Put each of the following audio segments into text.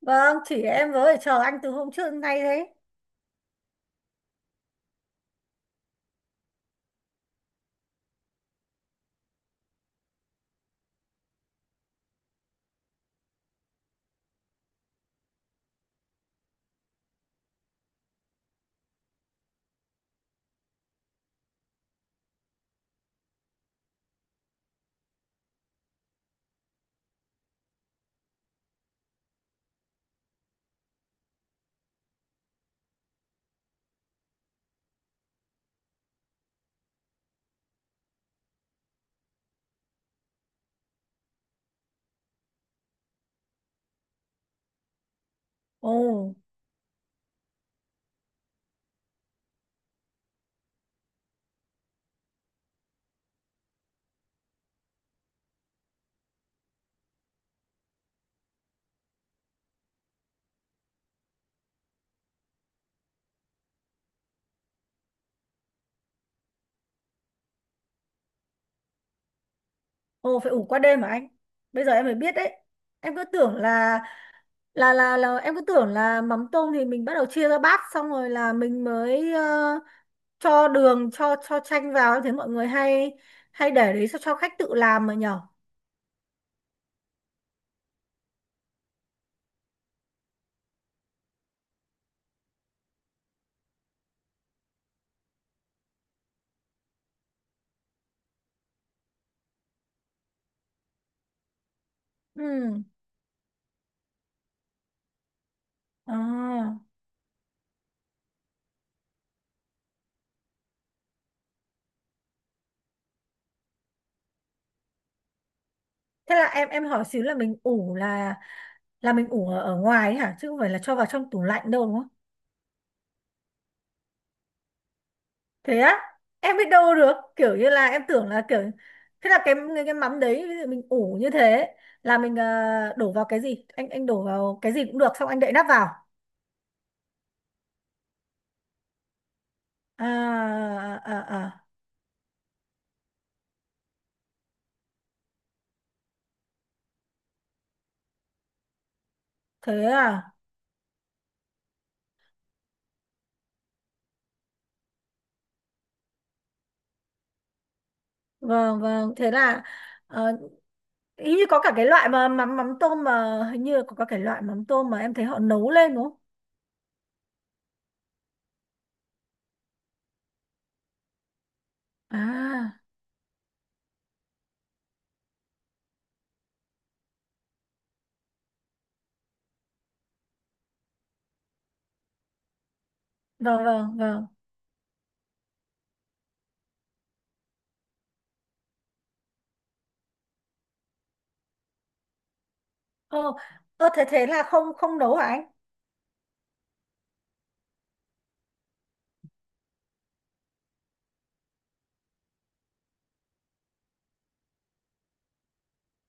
Vâng, chỉ em với chờ anh từ hôm trước đến nay đấy. Ồ, ồ phải ủ qua đêm mà anh. Bây giờ em mới biết đấy. Em cứ tưởng là em cứ tưởng là mắm tôm thì mình bắt đầu chia ra bát xong rồi là mình mới cho đường cho chanh vào, em thấy mọi người hay hay để đấy cho khách tự làm mà nhở. Ừ. À. Thế là em hỏi xíu là mình ủ là mình ủ ở, ở ngoài ấy hả, chứ không phải là cho vào trong tủ lạnh đâu đúng không? Thế á, em biết đâu được, kiểu như là em tưởng là kiểu thế. Là cái cái mắm đấy ví dụ mình ủ như thế là mình đổ vào cái gì, anh đổ vào cái gì cũng được xong anh đậy nắp vào. À, à, à. À. Thế à. Vâng vâng, thế là ờ, ý như có cả cái loại mà mắm mắm tôm mà, hình như có cả cái loại mắm tôm mà em thấy họ nấu lên đúng không? À vâng vâng vâng. Ơ, ơ thế thế là không, không nấu hả anh?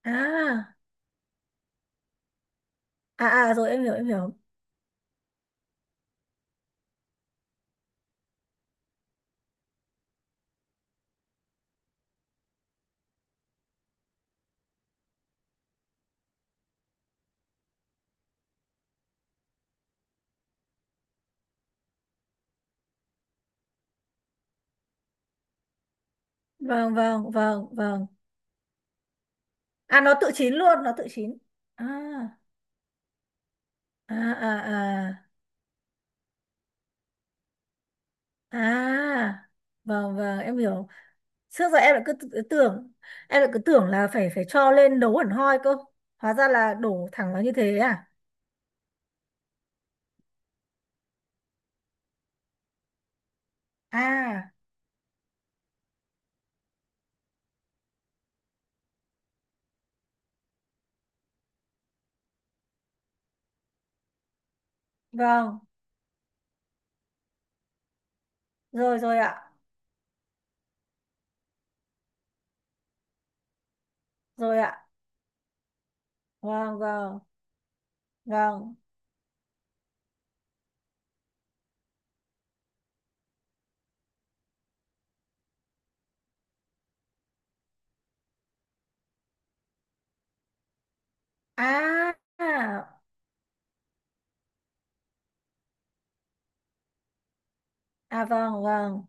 À à à, rồi em hiểu em hiểu. Vâng vâng vâng vâng. À nó tự chín luôn, nó tự chín. À à à à. À vâng vâng, em hiểu. Trước giờ em lại cứ tưởng, em lại cứ tưởng là phải phải cho lên nấu hẳn hoi cơ. Hóa ra là đổ thẳng vào như thế à. À vâng. Rồi rồi ạ. Rồi ạ. Vâng vâng vâng. À à à, vâng vâng.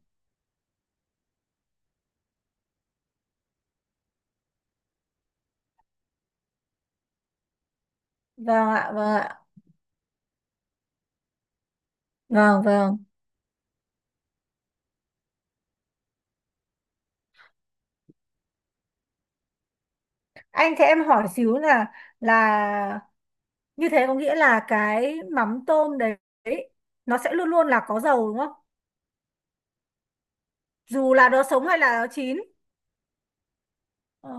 Vâng ạ. Vâng ạ. Vâng vâng. Anh, thế em hỏi xíu là như thế có nghĩa là cái mắm tôm đấy nó sẽ luôn luôn là có dầu đúng không? Dù là nó sống hay là nó chín. Ờ,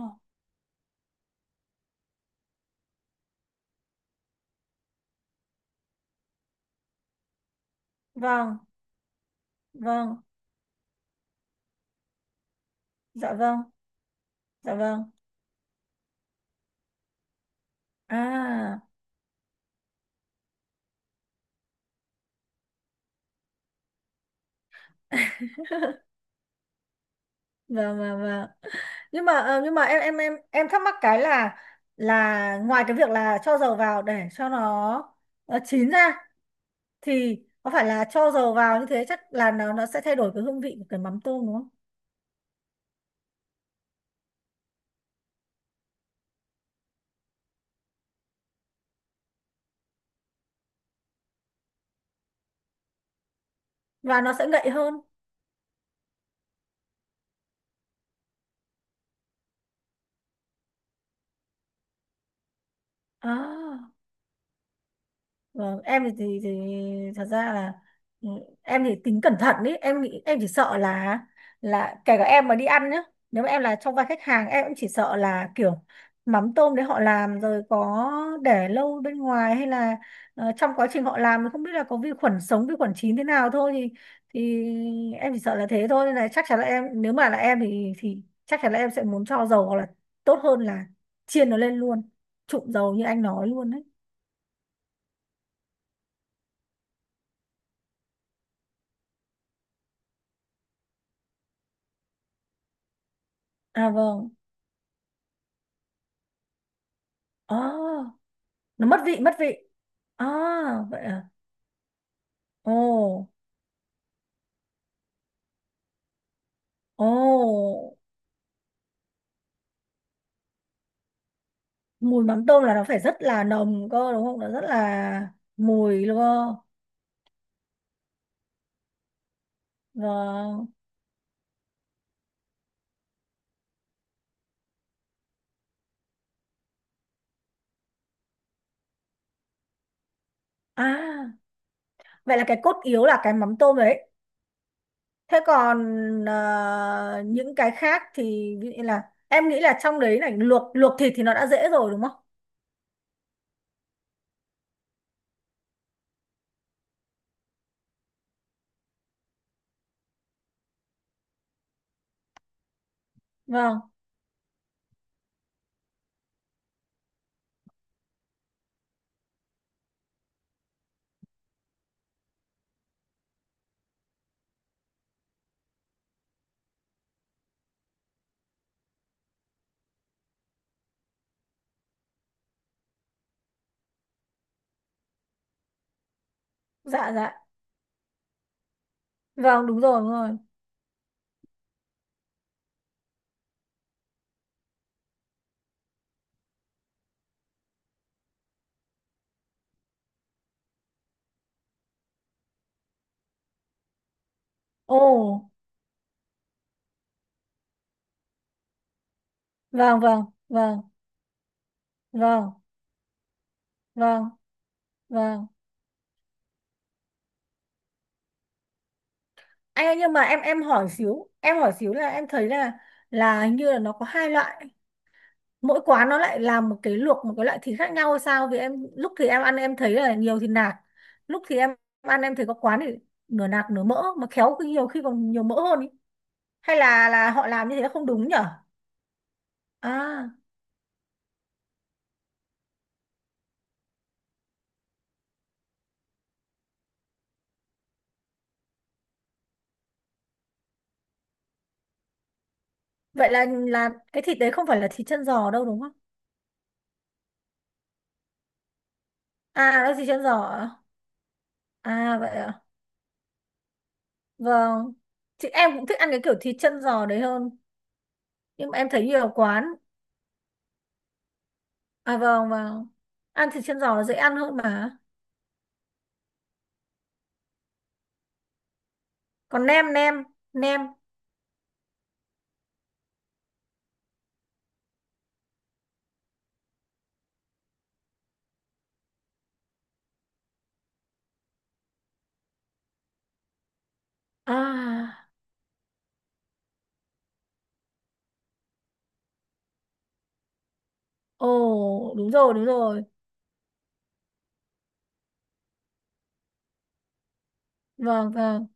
vâng, vâng, dạ vâng, dạ vâng. À, vâng vâng vâng. Nhưng mà nhưng mà em thắc mắc cái là ngoài cái việc là cho dầu vào để cho nó chín ra, thì có phải là cho dầu vào như thế chắc là nó sẽ thay đổi cái hương vị của cái mắm tôm đúng không? Và nó sẽ ngậy hơn. À. Vâng, em thì, thì thật ra là, ừ, em thì tính cẩn thận ý, em nghĩ em chỉ sợ là kể cả em mà đi ăn nhá, nếu mà em là trong vai khách hàng em cũng chỉ sợ là kiểu mắm tôm đấy họ làm rồi có để lâu bên ngoài, hay là trong quá trình họ làm thì không biết là có vi khuẩn sống vi khuẩn chín thế nào thôi, thì em chỉ sợ là thế thôi, nên là chắc chắn là em, nếu mà là em thì chắc chắn là em sẽ muốn cho dầu, hoặc là tốt hơn là chiên nó lên luôn, trụng dầu như anh nói luôn đấy. À vâng. Ồ, nó mất vị, mất vị. À, vậy à. Ồ, ồ, mùi mắm tôm là nó phải rất là nồng cơ đúng không? Nó rất là mùi luôn cơ. Vâng. À, vậy là cái cốt yếu là cái mắm tôm đấy. Thế còn những cái khác thì ví dụ như là em nghĩ là trong đấy này, luộc luộc thịt thì nó đã dễ rồi đúng không? Vâng, dạ dạ. Vâng, đúng rồi, đúng rồi. Ồ, vâng, vâng, vâng, vâng, vâng, vâng. Anh ơi, nhưng mà em hỏi xíu, là em thấy là hình như là nó có hai loại, mỗi quán nó lại làm một cái, luộc một cái loại thịt khác nhau hay sao, vì em lúc thì em ăn em thấy là nhiều thịt nạc, lúc thì em ăn em thấy có quán thì nửa nạc nửa mỡ, mà khéo khi nhiều khi còn nhiều mỡ hơn ý. Hay là họ làm như thế là không đúng nhở? À vậy là cái thịt đấy không phải là thịt chân giò đâu đúng không? À nó là thịt chân giò à. À, vậy à. Vâng. Chị em cũng thích ăn cái kiểu thịt chân giò đấy hơn, nhưng mà em thấy nhiều quán. À vâng vâng. Ăn thịt chân giò là dễ ăn hơn mà. Còn nem, nem. À. Ồ đúng rồi đúng rồi. Vâng vâng.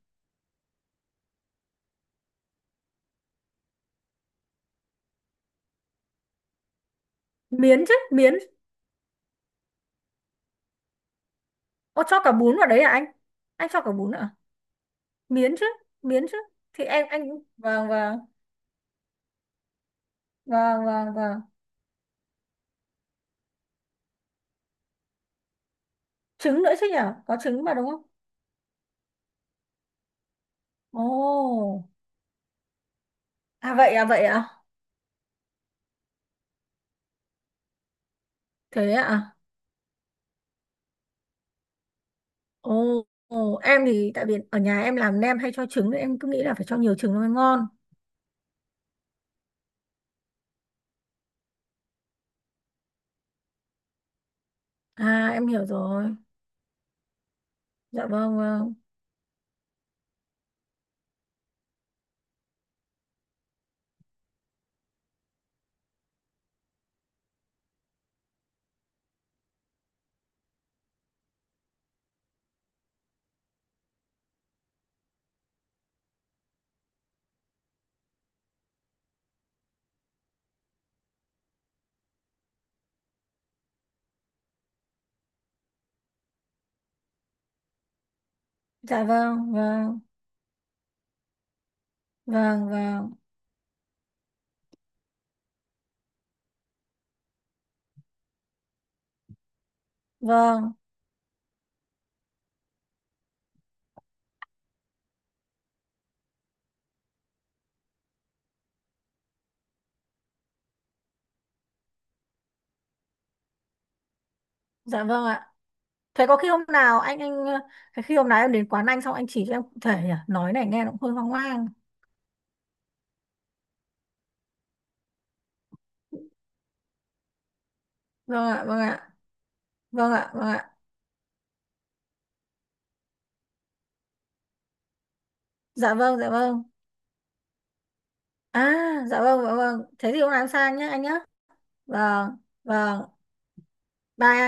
Miến chứ, miến. Ô cho cả bún vào đấy à anh? Anh cho cả bún à? Miến chứ, miến chứ. Thì em anh, vâng vâng vâng vâng vâng. Trứng nữa chứ nhỉ? Có trứng mà đúng không? Ồ. À vậy à vậy à? Thế à? Ồ. Ồ, em thì tại vì ở nhà em làm nem hay cho trứng nên em cứ nghĩ là phải cho nhiều trứng nó mới ngon. À em hiểu rồi. Dạ vâng vâng. Dạ vâng, vâng, vâng, vâng, vâng, dạ vâng ạ. Thế có khi hôm nào anh thế khi hôm nào em đến quán anh xong anh chỉ cho em cụ thể nhỉ? Nói này nghe nó cũng hơi hoang hoang. Vâng ạ, vâng ạ, vâng ạ, vâng ạ. Dạ vâng, dạ vâng. À, dạ vâng, dạ vâng. Thế thì hôm nào em sang nhé anh nhé. Vâng, vâng. Bye.